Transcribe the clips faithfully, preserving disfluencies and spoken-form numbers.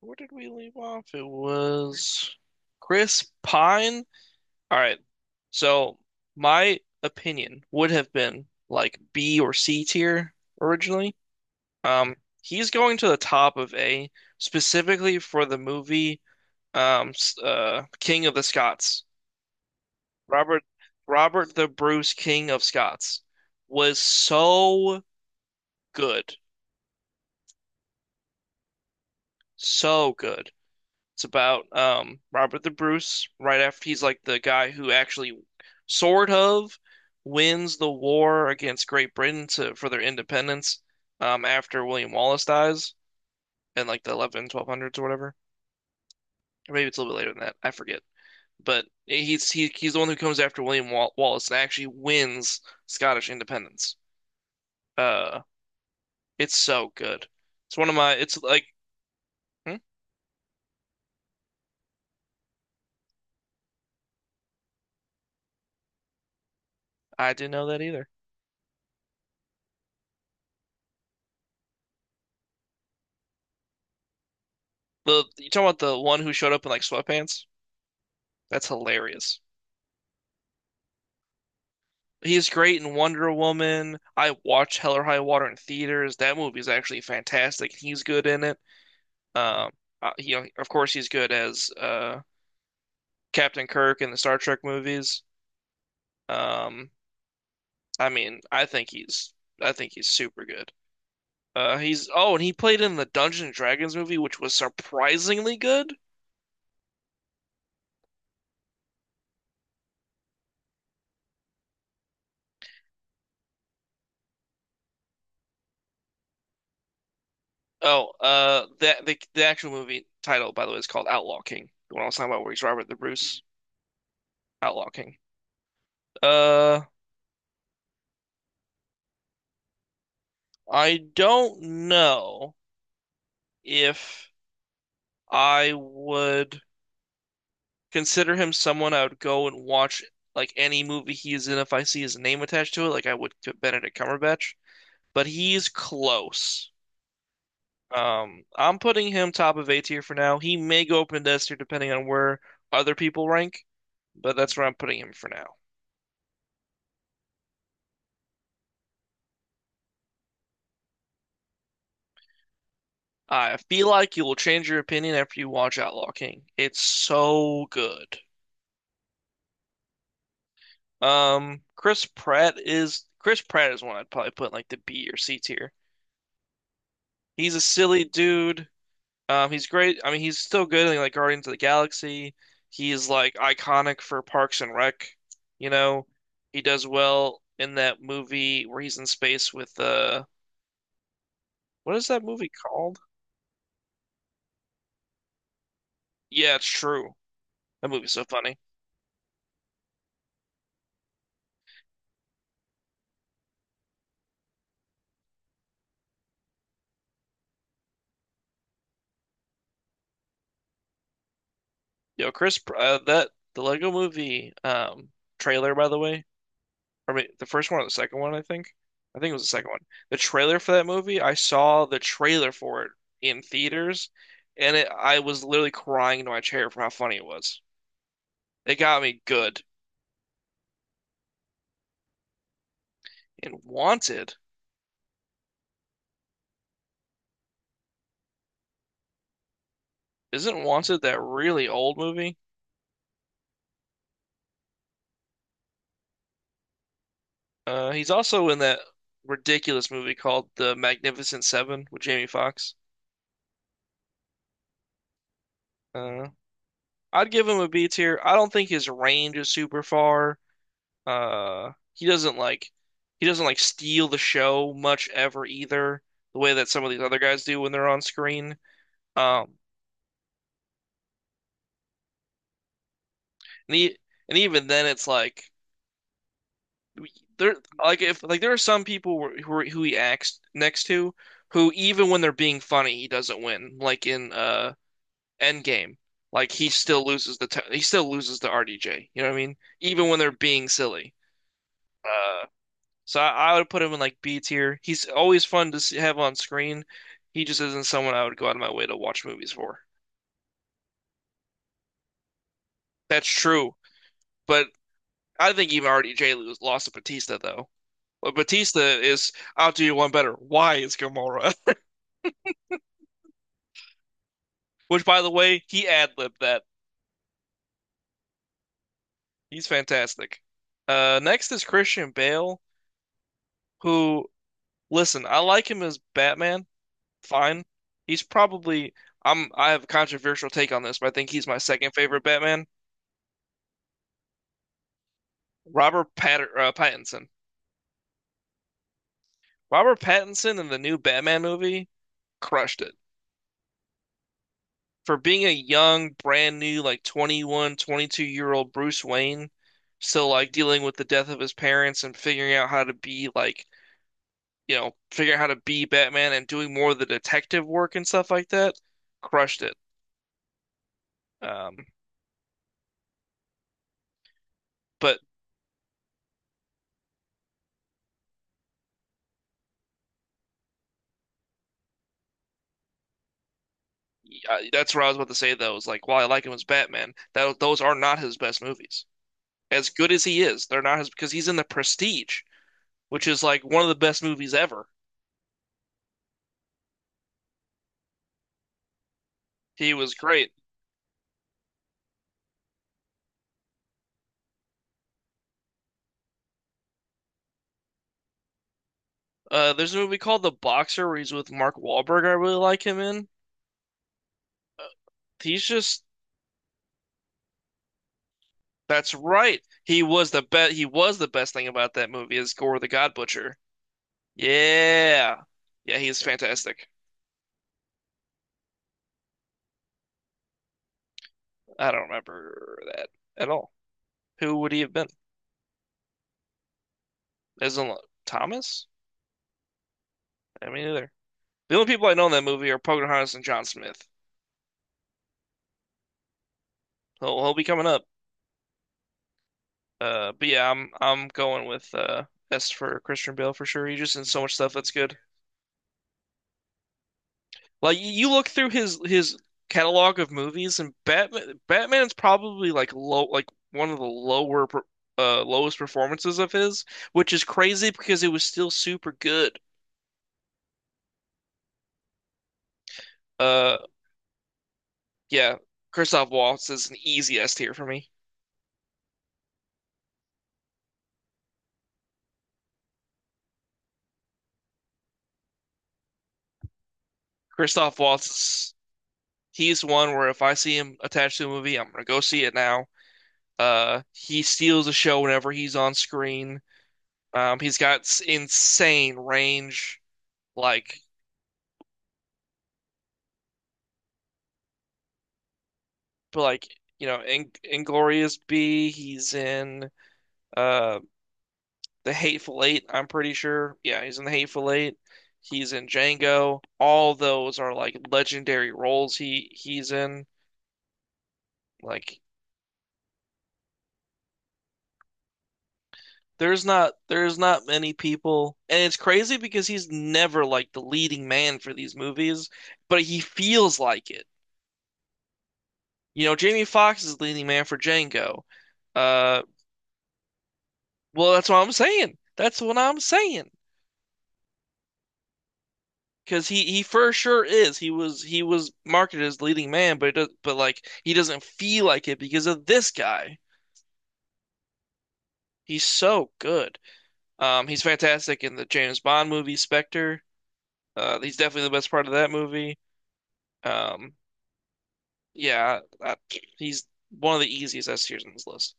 Where did we leave off? It was Chris Pine. All right. So my opinion would have been like B or C tier originally. Um, he's going to the top of A specifically for the movie um uh King of the Scots. Robert Robert the Bruce King of Scots was so good. So good. It's about um Robert the Bruce right after he's like the guy who actually sort of wins the war against Great Britain to for their independence um after William Wallace dies in like the eleven twelve hundreds or whatever. Or maybe it's a little bit later than that. I forget. But he's he, he's the one who comes after William Wal Wallace and actually wins Scottish independence. Uh it's so good. It's one of my it's like hmm? I didn't know that either. The You talking about the one who showed up in like sweatpants? That's hilarious. He's great in Wonder Woman. I watched Hell or High Water in theaters. That movie is actually fantastic. He's good in it. Um, uh, he, of course, he's good as uh, Captain Kirk in the Star Trek movies. Um, I mean, I think he's, I think he's super good. Uh, he's Oh, and he played in the Dungeons and Dragons movie, which was surprisingly good. Oh, uh, that the the actual movie title, by the way, is called Outlaw King. The one I was talking about, where he's Robert the Bruce, Outlaw King. Uh, I don't know if I would consider him someone I would go and watch like any movie he is in if I see his name attached to it, like I would to Benedict Cumberbatch. But he's close. Um, I'm putting him top of A tier for now. He may go up in S tier depending on where other people rank, but that's where I'm putting him for now. I feel like you will change your opinion after you watch Outlaw King. It's so good. Um, Chris Pratt is Chris Pratt is one I'd probably put in like the B or C tier. He's a silly dude. Um, he's great. I mean, he's still good in like Guardians of the Galaxy. He's like iconic for Parks and Rec. You know, he does well in that movie where he's in space with uh, what is that movie called? Yeah, it's true. That movie's so funny. Yo, Chris, Pr- uh, that the Lego Movie um trailer by the way or wait, the first one or the second one, I think. I think it was the second one. The trailer for that movie, I saw the trailer for it in theaters, and it, I was literally crying into my chair for how funny it was. It got me good. And Wanted, isn't Wanted that really old movie? Uh, he's also in that ridiculous movie called The Magnificent Seven with Jamie Foxx. Uh, I'd give him a B tier. I don't think his range is super far. Uh, he doesn't like he doesn't like steal the show much ever either, the way that some of these other guys do when they're on screen. Um, and he, and even then, it's like there like if like there are some people who who who he acts next to who even when they're being funny, he doesn't win. Like in uh Endgame, like he still loses the t he still loses to R D J. You know what I mean? Even when they're being silly. Uh, So I, I would put him in like B tier. He's always fun to s- have on screen. He just isn't someone I would go out of my way to watch movies for. That's true, but I think even R D J was lost to Batista though. But Batista is I'll do you one better. Why is Gamora? Which by the way, he ad-libbed that. He's fantastic. Uh, next is Christian Bale, who listen, I like him as Batman. Fine. He's probably I'm I have a controversial take on this, but I think he's my second favorite Batman. Robert Patter uh, Pattinson. Robert Pattinson in the new Batman movie crushed it. For being a young, brand new, like twenty-one, twenty-two year old Bruce Wayne, still like dealing with the death of his parents and figuring out how to be like, you know, figuring out how to be Batman and doing more of the detective work and stuff like that, crushed it. Um, but uh, That's what I was about to say though, is like, while I like him as Batman, that those are not his best movies. As good as he is, they're not his because he's in the Prestige, which is like one of the best movies ever. He was great. Uh, there's a movie called The Boxer where he's with Mark Wahlberg. I really like him in. He's just That's right. He was the best. He was the best thing about that movie is Gore the God Butcher. Yeah, yeah, he's fantastic. I don't remember that at all. Who would he have been? Isn't Thomas? I mean, either. The only people I know in that movie are Pocahontas and John Smith. He'll, he'll be coming up. Uh, but yeah, I'm I'm going with uh S for Christian Bale for sure. He's just in so much stuff that's good. Like y- you look through his his catalog of movies, and Batman Batman's probably like low like one of the lower per- uh lowest performances of his, which is crazy because it was still super good. Uh, yeah, Christoph Waltz is an easy S tier for me. Christoph Waltz is he's one where if I see him attached to a movie, I'm gonna go see it now. Uh, he steals the show whenever he's on screen. Um, he's got insane range, like but like you know, in Inglorious B. He's in uh the Hateful Eight. I'm pretty sure. Yeah, he's in the Hateful Eight. He's in Django. All those are like legendary roles he he's in. Like there's not there's not many people, and it's crazy because he's never like the leading man for these movies, but he feels like it. You know, Jamie Foxx is leading man for Django. Uh, Well, that's what I'm saying. That's what I'm saying. Because he he for sure is. He was he was marketed as leading man, but it does, but like he doesn't feel like it because of this guy. He's so good. Um, he's fantastic in the James Bond movie Spectre. Uh, he's definitely the best part of that movie. Um, yeah, I, he's one of the easiest S tiers on this list.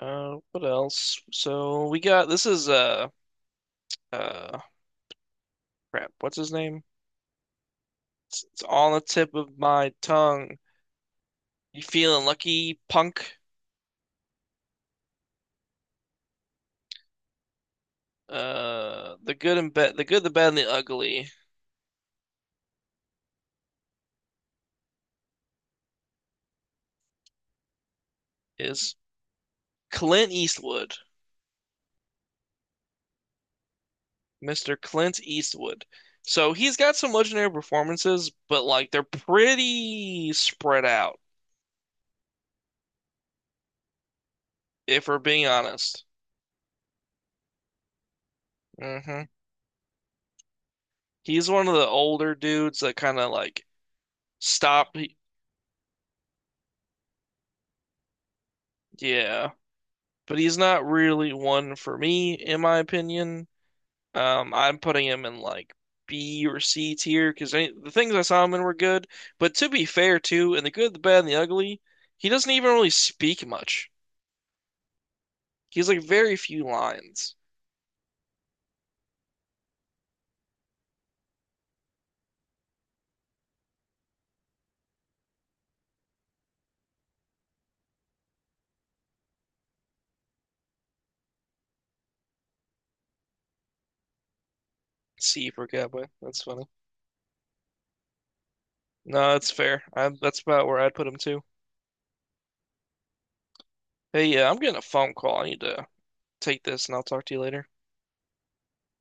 Uh, what else? So we got this is uh uh crap. What's his name? It's, it's on the tip of my tongue. You feeling lucky, punk? Uh, the good and bad, The good, the bad, and the ugly is Clint Eastwood, mister Clint Eastwood. So he's got some legendary performances, but like they're pretty spread out, if we're being honest. Hmm. He's one of the older dudes that kind of like stop. Yeah, but he's not really one for me, in my opinion. Um, I'm putting him in like B or C tier because the things I saw him in were good. But to be fair, too, in the good, the bad, and the ugly, he doesn't even really speak much. He's like very few lines. C for Cowboy. That's funny. No, that's fair. I, that's about where I'd put him too. Hey, yeah, I'm getting a phone call. I need to take this, and I'll talk to you later.